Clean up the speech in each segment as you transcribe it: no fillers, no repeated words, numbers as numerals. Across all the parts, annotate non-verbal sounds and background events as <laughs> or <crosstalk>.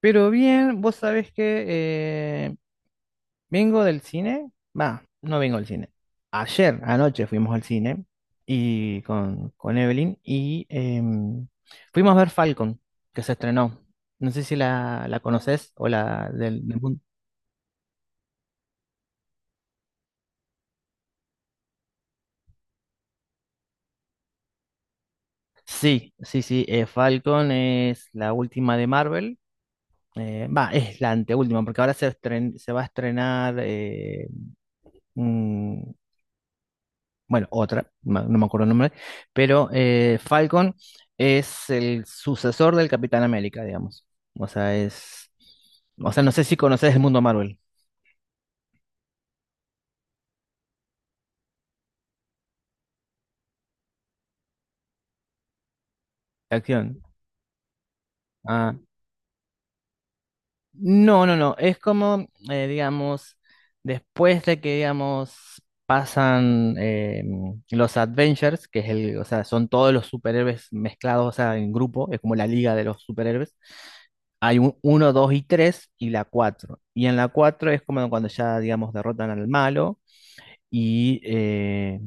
Pero bien, vos sabés que vengo del cine. Va, no vengo del cine. Ayer, anoche fuimos al cine y con Evelyn y fuimos a ver Falcon, que se estrenó. No sé si la conoces o la del mundo. Sí, sí, sí. Falcon es la última de Marvel. Va, es la anteúltima, porque ahora se va a estrenar mm, bueno, otra, no me acuerdo el nombre, pero Falcon es el sucesor del Capitán América, digamos. O sea, es, o sea, no sé si conoces el mundo Marvel, de acción. Ah, no, no, no. Es como, digamos, después de que, digamos, pasan los Adventures, que es el, o sea, son todos los superhéroes mezclados, o sea, en grupo, es como la liga de los superhéroes. Hay un, uno, dos y tres, y la cuatro. Y en la cuatro es como cuando ya, digamos, derrotan al malo y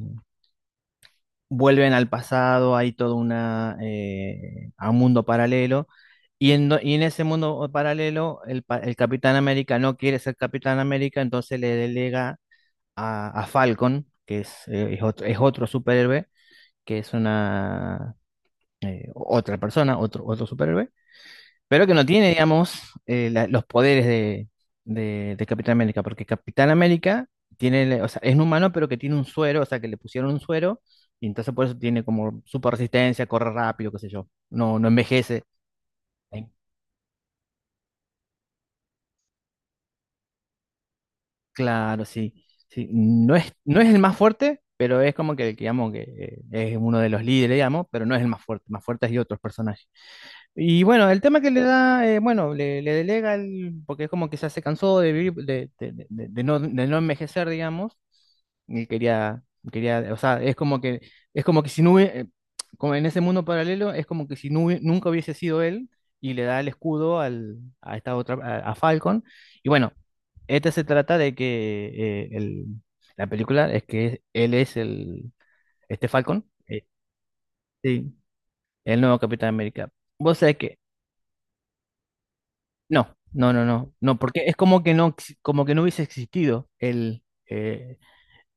vuelven al pasado, hay todo una, a un mundo paralelo. Y y en ese mundo paralelo, el, el Capitán América no quiere ser Capitán América, entonces le delega a Falcon, que es otro superhéroe, que es una otra persona, otro, otro superhéroe pero que no tiene, digamos, los poderes de Capitán América, porque Capitán América tiene, o sea, es un humano, pero que tiene un suero, o sea, que le pusieron un suero, y entonces por eso tiene como super resistencia, corre rápido, qué sé yo, no, no envejece. Eh, Claro, sí, sí. No es, no es el más fuerte, pero es como que, digamos, que es uno de los líderes, digamos, pero no es el más fuerte hay otros personajes. Y bueno, el tema que le da, bueno, le delega, el, porque es como que ya se cansó de vivir, de, de no envejecer, digamos, y quería, quería, o sea, es como que si no hubie- como en ese mundo paralelo, es como que si no hubie- nunca hubiese sido él, y le da el escudo al, a esta otra, a Falcon, y bueno, este se trata de que eh, el- la película es que él es el, este Falcon, sí, el nuevo Capitán América. Vos sabés que no, no, no, no, no, porque es como que no, como que no hubiese existido el eh,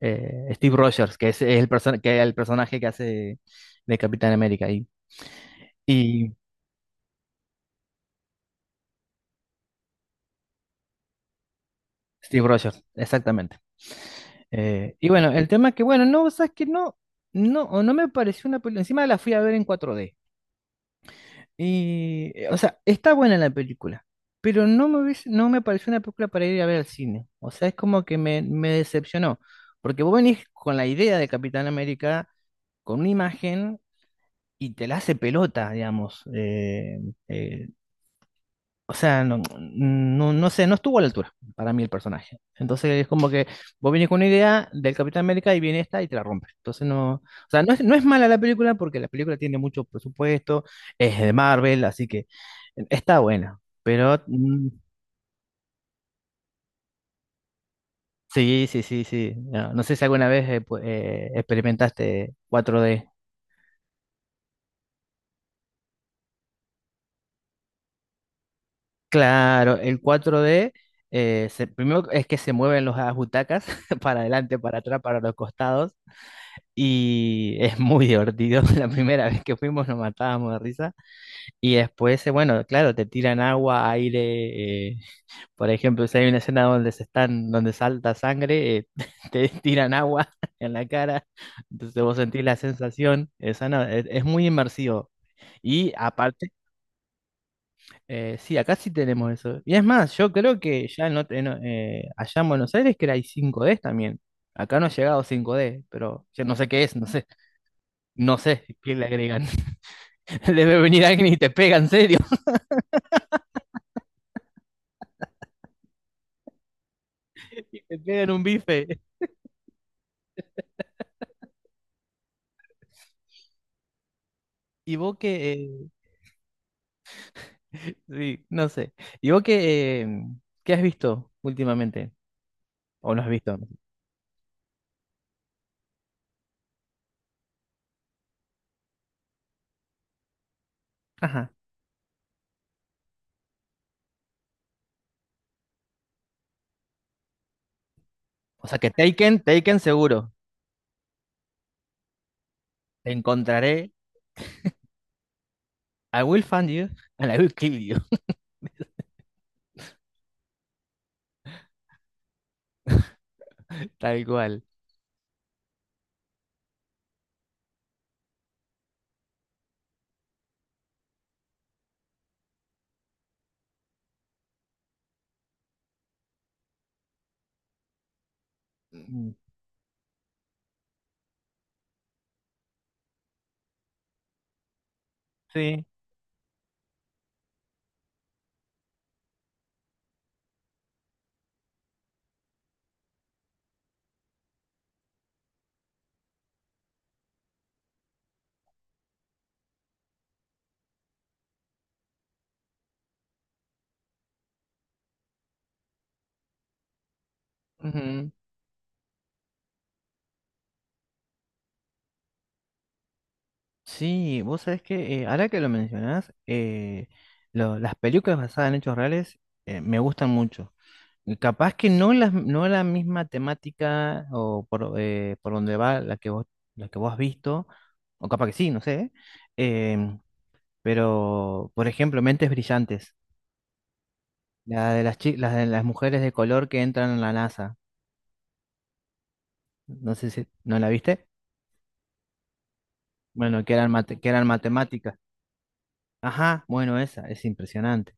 Steve Rogers, que es el que es el personaje que hace de Capitán América y Steve Rogers, exactamente. Y bueno, el tema es que bueno, no, sabes que no, no, o no me pareció una película. Encima la fui a ver en 4D. Y, o sea, está buena la película, pero no me no me pareció una película para ir a ver al cine. O sea, es como que me decepcionó, porque vos venís con la idea de Capitán América, con una imagen, y te la hace pelota, digamos. Eh, o sea, no, no, no sé, no estuvo a la altura para mí el personaje. Entonces es como que vos vienes con una idea del Capitán América y viene esta y te la rompe. Entonces no, o sea, no es, no es mala la película porque la película tiene mucho presupuesto, es de Marvel, así que está buena. Pero sí, sí, sí, sí. No, no sé si alguna vez experimentaste 4D. Claro, el 4D, se- primero es que se mueven las butacas <laughs> para adelante, para atrás, para los costados. Y es muy divertido. <laughs> La primera vez que fuimos nos matábamos de risa. Y después, bueno, claro, te tiran agua, aire. Por ejemplo, si hay una escena donde se están, donde salta sangre, <laughs> te tiran agua <laughs> en la cara. Entonces vos sentís la sensación. Esa no, es muy inmersivo. Y aparte, sí, acá sí tenemos eso. Y es más, yo creo que ya no, no, allá en Buenos Aires que era hay cinco d también. Acá no ha llegado cinco d pero yo no sé qué es, no sé, no sé qué le agregan. <laughs> Debe venir alguien y te pega, en serio. <laughs> Y te pegan un bife. Y vos que... sí, no sé. Y vos que... ¿qué has visto últimamente? ¿O no has visto? Ajá. O sea que Taken, Taken seguro. Te encontraré. I will find you and I will kill you. <laughs> Tal cual. Mm, sí. Sí, vos sabés que ahora que lo mencionás, las películas basadas en hechos reales me gustan mucho. Y capaz que no no la misma temática o por donde va la que vos has visto, o capaz que sí, no sé. em, pero, por ejemplo, Mentes Brillantes, la de las de las mujeres de color que entran en la NASA. No sé si, ¿no la viste? Bueno, que eran, que eran matemáticas. Ajá, bueno, esa es impresionante.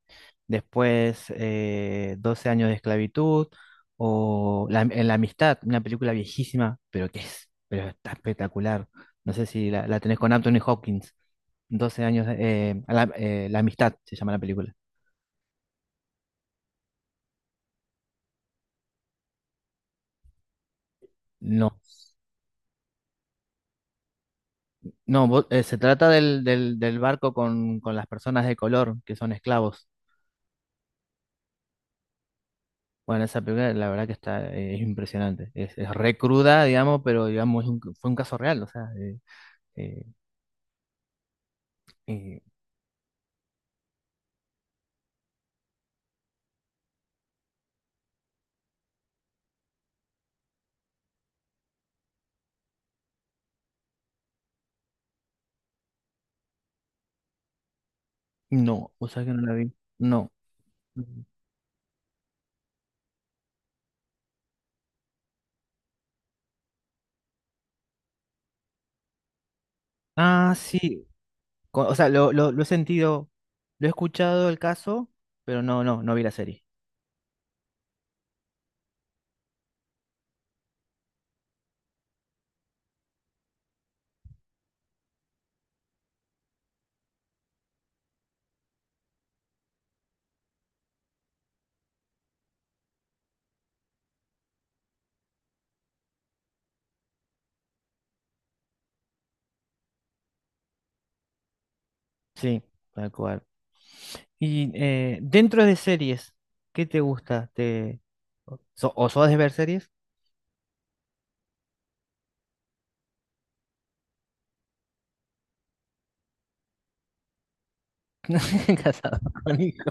Después, 12 años de esclavitud o la, en la amistad, una película viejísima, pero que es, pero está espectacular. No sé si la tenés con Anthony Hopkins. 12 años, La amistad se llama la película. No, no, se trata del barco con las personas de color que son esclavos. Bueno, esa película la verdad que está, es impresionante. Es re cruda, digamos, pero digamos, fue un caso real, o sea, eh, eh, no, o sea que no la vi. No. Mm. Ah, sí. O sea, lo, lo he sentido, lo he escuchado el caso, pero no, no, no vi la serie. Sí, tal cual. Y dentro de series, ¿qué te gusta? ¿Te... o sos de ver series? <laughs> Casado con hijo.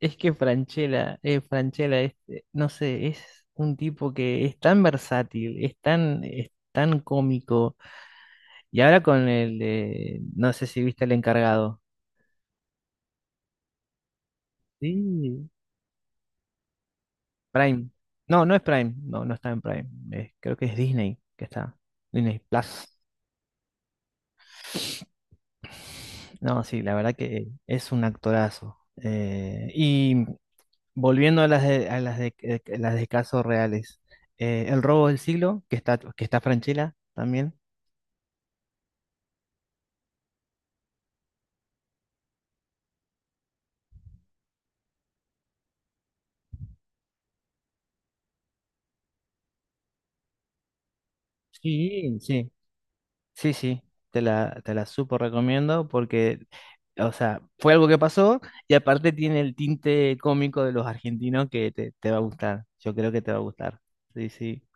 Es que Franchella, Francella, este, no sé, es un tipo que es tan versátil, es tan cómico. Y ahora con el de, no sé si viste El Encargado. Sí, Prime. No, no es Prime. No, no está en Prime. Creo que es Disney que está. Disney Plus. No, sí, la verdad que es un actorazo. Y volviendo a a las de casos reales. El robo del siglo, que está Franchella también. Sí, sí. Sí, sí. Te la súper recomiendo porque, o sea, fue algo que pasó y aparte tiene el tinte cómico de los argentinos que te va a gustar. Yo creo que te va a gustar. Sí, sí.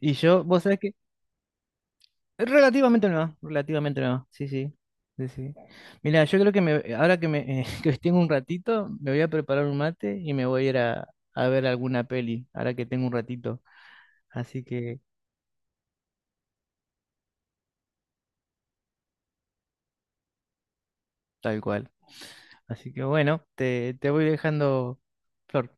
Y yo, vos sabés que relativamente nueva, sí, sí, sí, sí. Mira, yo creo que me, ahora que me <laughs> que tengo un ratito, me voy a preparar un mate y me voy a ir a ver alguna peli, ahora que tengo un ratito. Así que, tal cual. Así que bueno, te voy dejando, Flor.